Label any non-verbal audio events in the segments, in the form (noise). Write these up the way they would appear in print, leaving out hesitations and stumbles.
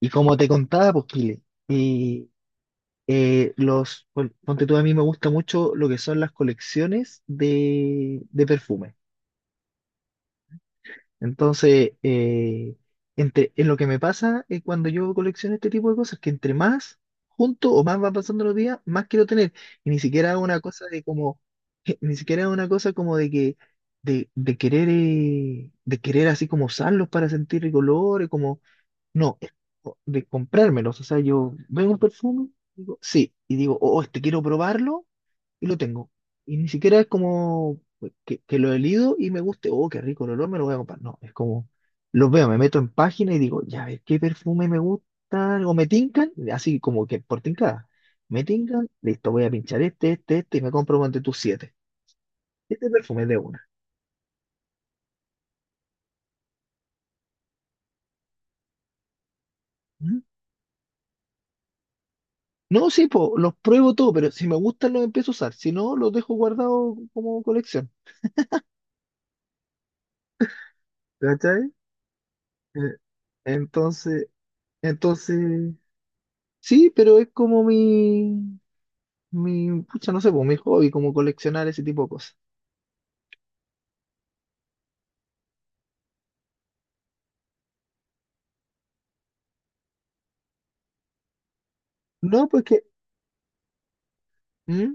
Y como te contaba, pues, Kile, y, ponte tú, a mí me gusta mucho lo que son las colecciones de perfumes. Entonces, en lo que me pasa es cuando yo colecciono este tipo de cosas, que entre más junto o más van pasando los días, más quiero tener. Y ni siquiera es una cosa de como, (laughs) ni siquiera es una cosa como de que, de querer, de querer así como usarlos para sentir colores, como no, es de comprármelos. O sea, yo veo un perfume, digo, sí, y digo, oh, este quiero probarlo y lo tengo. Y ni siquiera es como que lo he leído y me guste, oh, qué rico el olor, me lo voy a comprar. No, es como, los veo, me meto en página y digo, ya ves qué perfume me gusta, o me tincan, así como que por tincada. Me tincan, listo, voy a pinchar este, este, este y me compro entre tus siete. Este perfume es de una. ¿Mm? No, sí, po, los pruebo todo, pero si me gustan los empiezo a usar, si no, los dejo guardados como colección. ¿Cachai? Eh, Entonces, entonces, sí, pero es como mi, pucha, no sé, pues mi hobby, como coleccionar ese tipo de cosas. No, pues que, ¿Mm?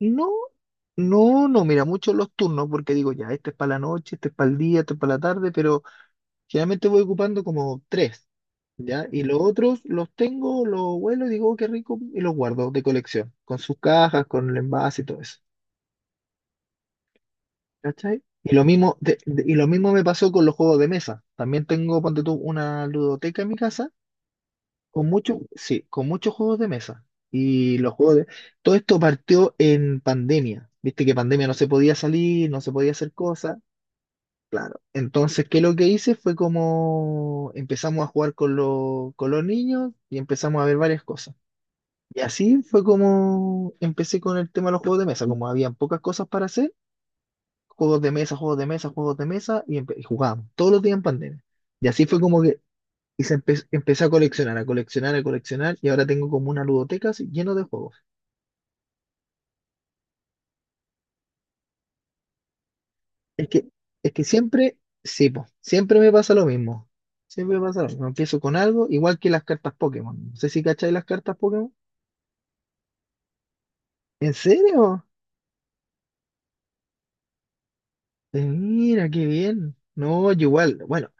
No, no, no, mira, mucho los turnos, porque digo, ya, este es para la noche, este es para el día, este es para la tarde, pero generalmente voy ocupando como tres, ¿ya? Y los otros los tengo, los vuelo, y digo, "Oh, qué rico", y los guardo de colección, con sus cajas, con el envase y todo eso. ¿Cachai? Y lo mismo, y lo mismo me pasó con los juegos de mesa. También tengo, ponte tú, una ludoteca en mi casa con muchos, sí, con muchos juegos de mesa. Y los juegos de... Todo esto partió en pandemia. Viste que pandemia no se podía salir, no se podía hacer cosas. Claro. Entonces, ¿qué lo que hice? Fue como empezamos a jugar con los niños y empezamos a ver varias cosas. Y así fue como empecé con el tema de los juegos de mesa. Como habían pocas cosas para hacer juegos de mesa, juegos de mesa, juegos de mesa, y jugábamos todos los días en pandemia. Y así fue como que empecé a coleccionar, a coleccionar, a coleccionar, y ahora tengo como una ludoteca así, lleno de juegos. Es que, es que siempre, sí, po, siempre me pasa lo mismo. Siempre me pasa lo mismo. Empiezo con algo, igual que las cartas Pokémon. No sé si cacháis las cartas Pokémon. ¿En serio? Mira, qué bien. No, yo igual, bueno,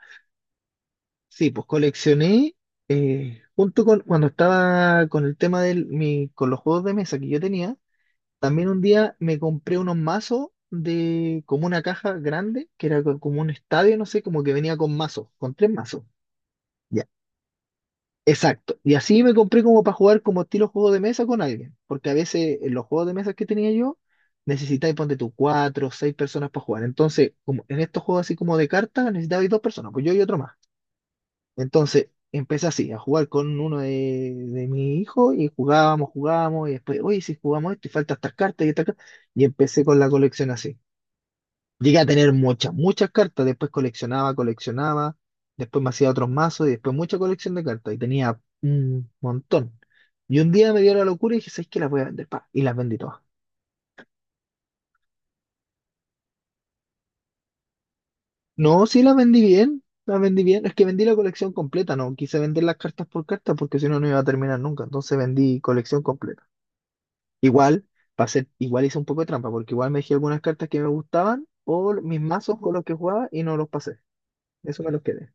sí, pues coleccioné junto con cuando estaba con el tema de mi, con los juegos de mesa que yo tenía. También un día me compré unos mazos de como una caja grande, que era como un estadio, no sé, como que venía con mazos, con tres mazos. Ya, exacto. Y así me compré como para jugar como estilo juego de mesa con alguien, porque a veces en los juegos de mesa que tenía yo necesitáis, ponte tú, cuatro o seis personas para jugar. Entonces, como en estos juegos así como de cartas, necesitabais dos personas, pues yo y otro más. Entonces empecé así, a jugar con uno de mi hijo y jugábamos, jugábamos, y después, oye, si jugamos esto y falta estas cartas, y empecé con la colección así. Llegué a tener muchas, muchas cartas, después coleccionaba, coleccionaba, después me hacía otros mazos y después mucha colección de cartas y tenía un montón. Y un día me dio la locura y dije, ¿sabes qué? Las voy a vender, pa, y las vendí todas. No, sí las vendí bien, es que vendí la colección completa, no quise vender las cartas por cartas porque si no, no iba a terminar nunca, entonces vendí colección completa. Igual, para ser, igual hice un poco de trampa, porque igual me dejé algunas cartas que me gustaban o mis mazos con los que jugaba y no los pasé. Eso me los quedé.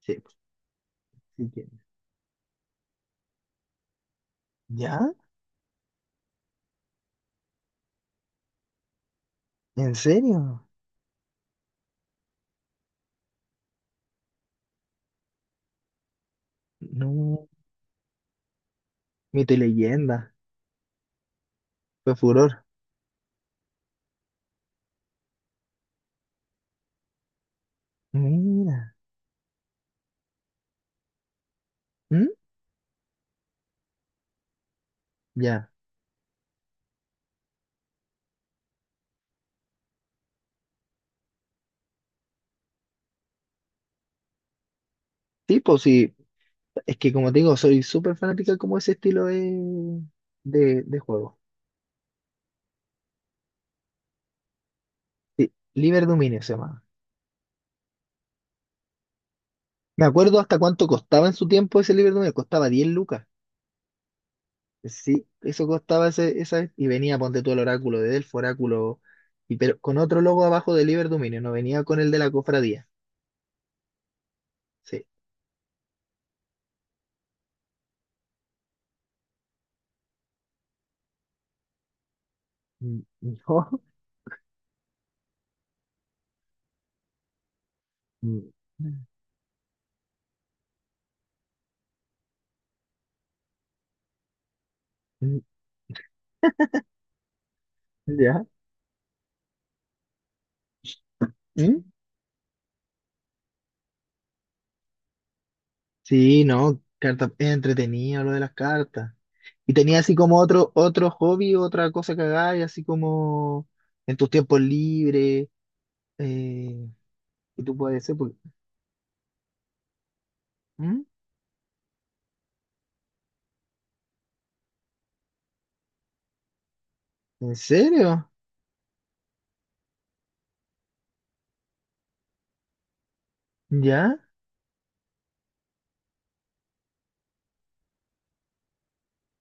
Sí, pues, sí ¿Ya? ¿En serio? No, leyenda fue furor. Mira. ¿Mm? Ya. Sí, pues sí. Es que como te digo, soy súper fanática como ese estilo de, de juego. Sí, Liber Dominio se llama. Me acuerdo hasta cuánto costaba en su tiempo ese Liber Dominio. Costaba 10 lucas. Sí, eso costaba ese, esa, y venía, ponte tú el oráculo de Delfo, oráculo, y pero con otro logo abajo de Liber Dominio, no venía con el de la cofradía. Sí. Mm, no. (laughs) Mm, mm, ¿Ya? ¿Mm? Sí, no, carta, es entretenido lo de las cartas. Y tenía así como otro hobby, otra cosa que hagáis, así como en tus tiempos libres, eh, y tú puedes ser, ¿Mm? ¿En serio? ¿Ya?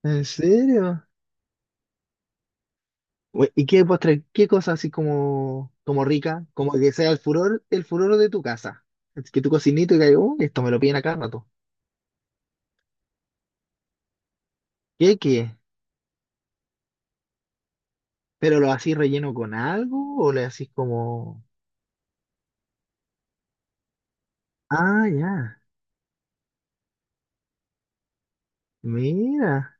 ¿En serio? ¿Y qué postre, qué cosa así como, como rica, como que sea el furor de tu casa? Es que tu cocinito y que, oh, esto me lo piden a cada rato. ¿Qué, qué? ¿Pero lo hacís relleno con algo o le hacís como... Ah, ya, mira.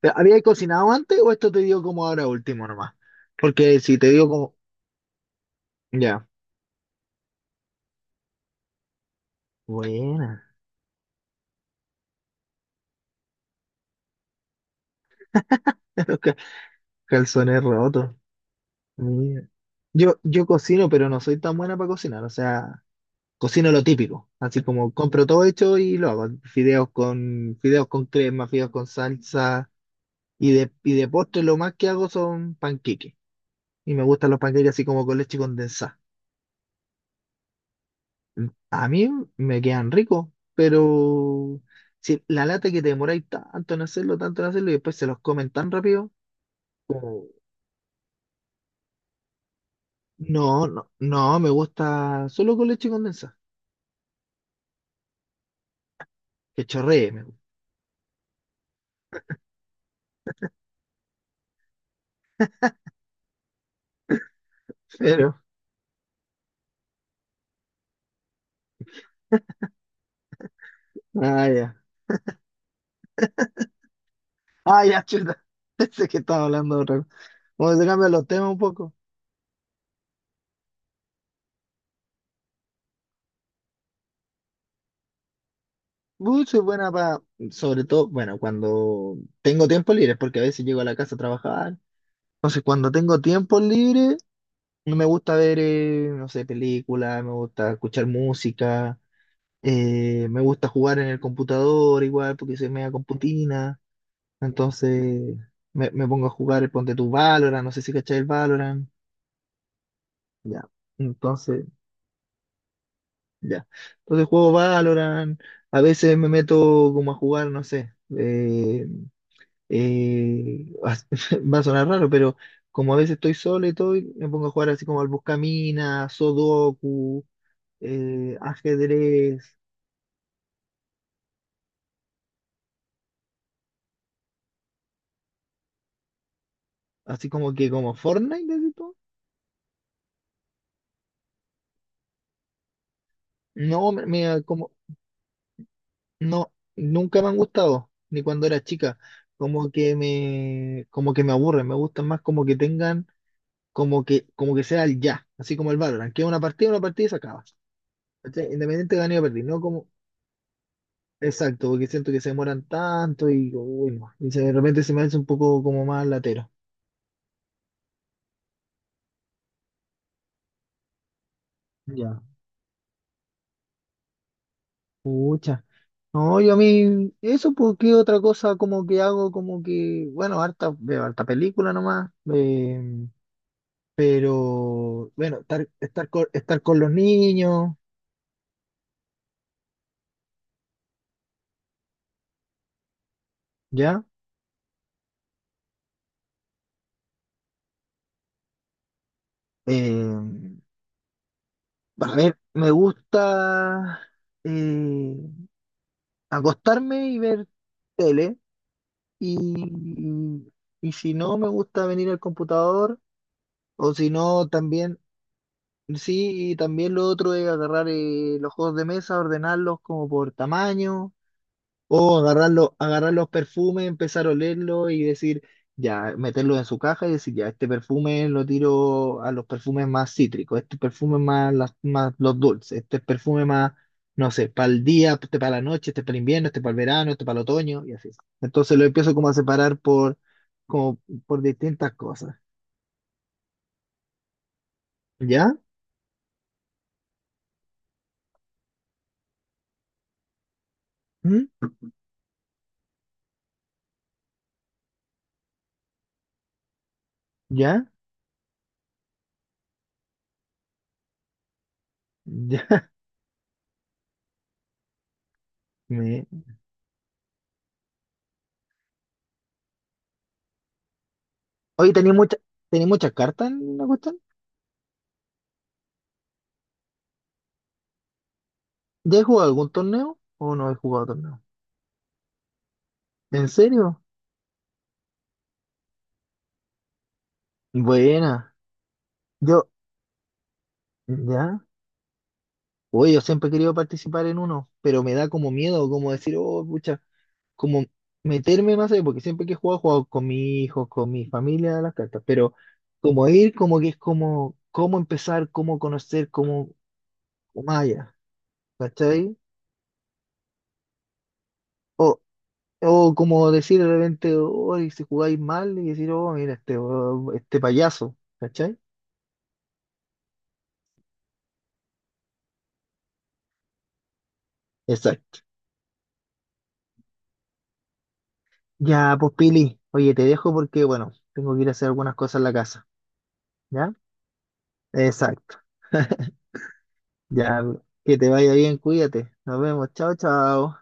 ¿Pero habías cocinado antes o esto te dio como ahora último nomás? Porque si te dio como... Ya, buena. (laughs) Los Ca- Calzones rotos. Mira. Yo cocino, pero no soy tan buena para cocinar. O sea, cocino lo típico, así como compro todo hecho y lo hago, fideos con crema, fideos con salsa, y de postre lo más que hago son panqueques, y me gustan los panqueques así como con leche condensada. A mí me quedan ricos, pero si la lata que te demoráis tanto en hacerlo, y después se los comen tan rápido, no, no, no, me gusta solo con leche condensada, que chorree, me gusta. Pero, (laughs) ah, ya, ah, ya, chuta, (laughs) pensé que estaba hablando de otra cosa. Vamos a cambiar los temas un poco. Soy buena para, sobre todo, bueno, cuando tengo tiempo libre, porque a veces llego a la casa a trabajar. Entonces, cuando tengo tiempo libre, no me gusta ver, no sé, películas, me gusta escuchar música, me gusta jugar en el computador igual, porque soy media computina. Entonces, me pongo a jugar, ponte tu Valorant, no sé si cachai el Valorant. Ya, entonces, ya. Entonces juego Valorant, a veces me meto como a jugar, no sé. (laughs) Va a sonar raro, pero como a veces estoy solo y todo, y me pongo a jugar así como al buscaminas, Sudoku, ajedrez, así como que como Fortnite, así todo. No, como, no, nunca me han gustado, ni cuando era chica. Como que me aburren, me gustan más como que tengan, como que sea el ya, así como el Valorant, que es una partida y se acaba. ¿Cachai? Independiente de ganar o perder, ¿no? Como, exacto, porque siento que se demoran tanto y, uy, no. De repente se me hace un poco como más latero. Ya, pucha. No, yo a mí, eso porque otra cosa como que hago, como que, bueno, harta, veo harta película nomás, pero bueno, estar, estar con los niños, ya. Eh, a ver, me gusta eh, acostarme y ver tele, y, y si no, me gusta venir al computador. O si no, también, sí, y también lo otro es agarrar los juegos de mesa, ordenarlos como por tamaño, o agarrar los perfumes, empezar a olerlos y decir, ya, meterlos en su caja y decir, ya, este perfume lo tiro a los perfumes más cítricos, este perfume más, más los dulces, este perfume más, no sé, para el día, este para la noche, este para el invierno, este para el verano, este para el otoño, y así. Entonces lo empiezo como a separar por, como por distintas cosas. ¿Ya? ¿Mm? ¿Ya? (laughs) Me- Oye, tenía mucha, tenía muchas cartas en la cuestión. ¿Ya he jugado algún torneo o no he jugado torneo? ¿En serio? Buena. Yo, ya. Oye, yo siempre he querido participar en uno, pero me da como miedo, como decir, oh, pucha, como meterme más ahí, porque siempre que he jugado con mi hijo, con mi familia a las cartas, pero como ir, como que es como, cómo empezar, cómo conocer, cómo, cómo más allá, ¿cachai? O como decir de repente, hoy si jugáis mal y decir, oh, mira, este, oh, este payaso, ¿cachai? Exacto. Ya, pues Pili, oye, te dejo porque, bueno, tengo que ir a hacer algunas cosas en la casa, ¿ya? Exacto. (laughs) Ya, que te vaya bien, cuídate. Nos vemos, chao, chao.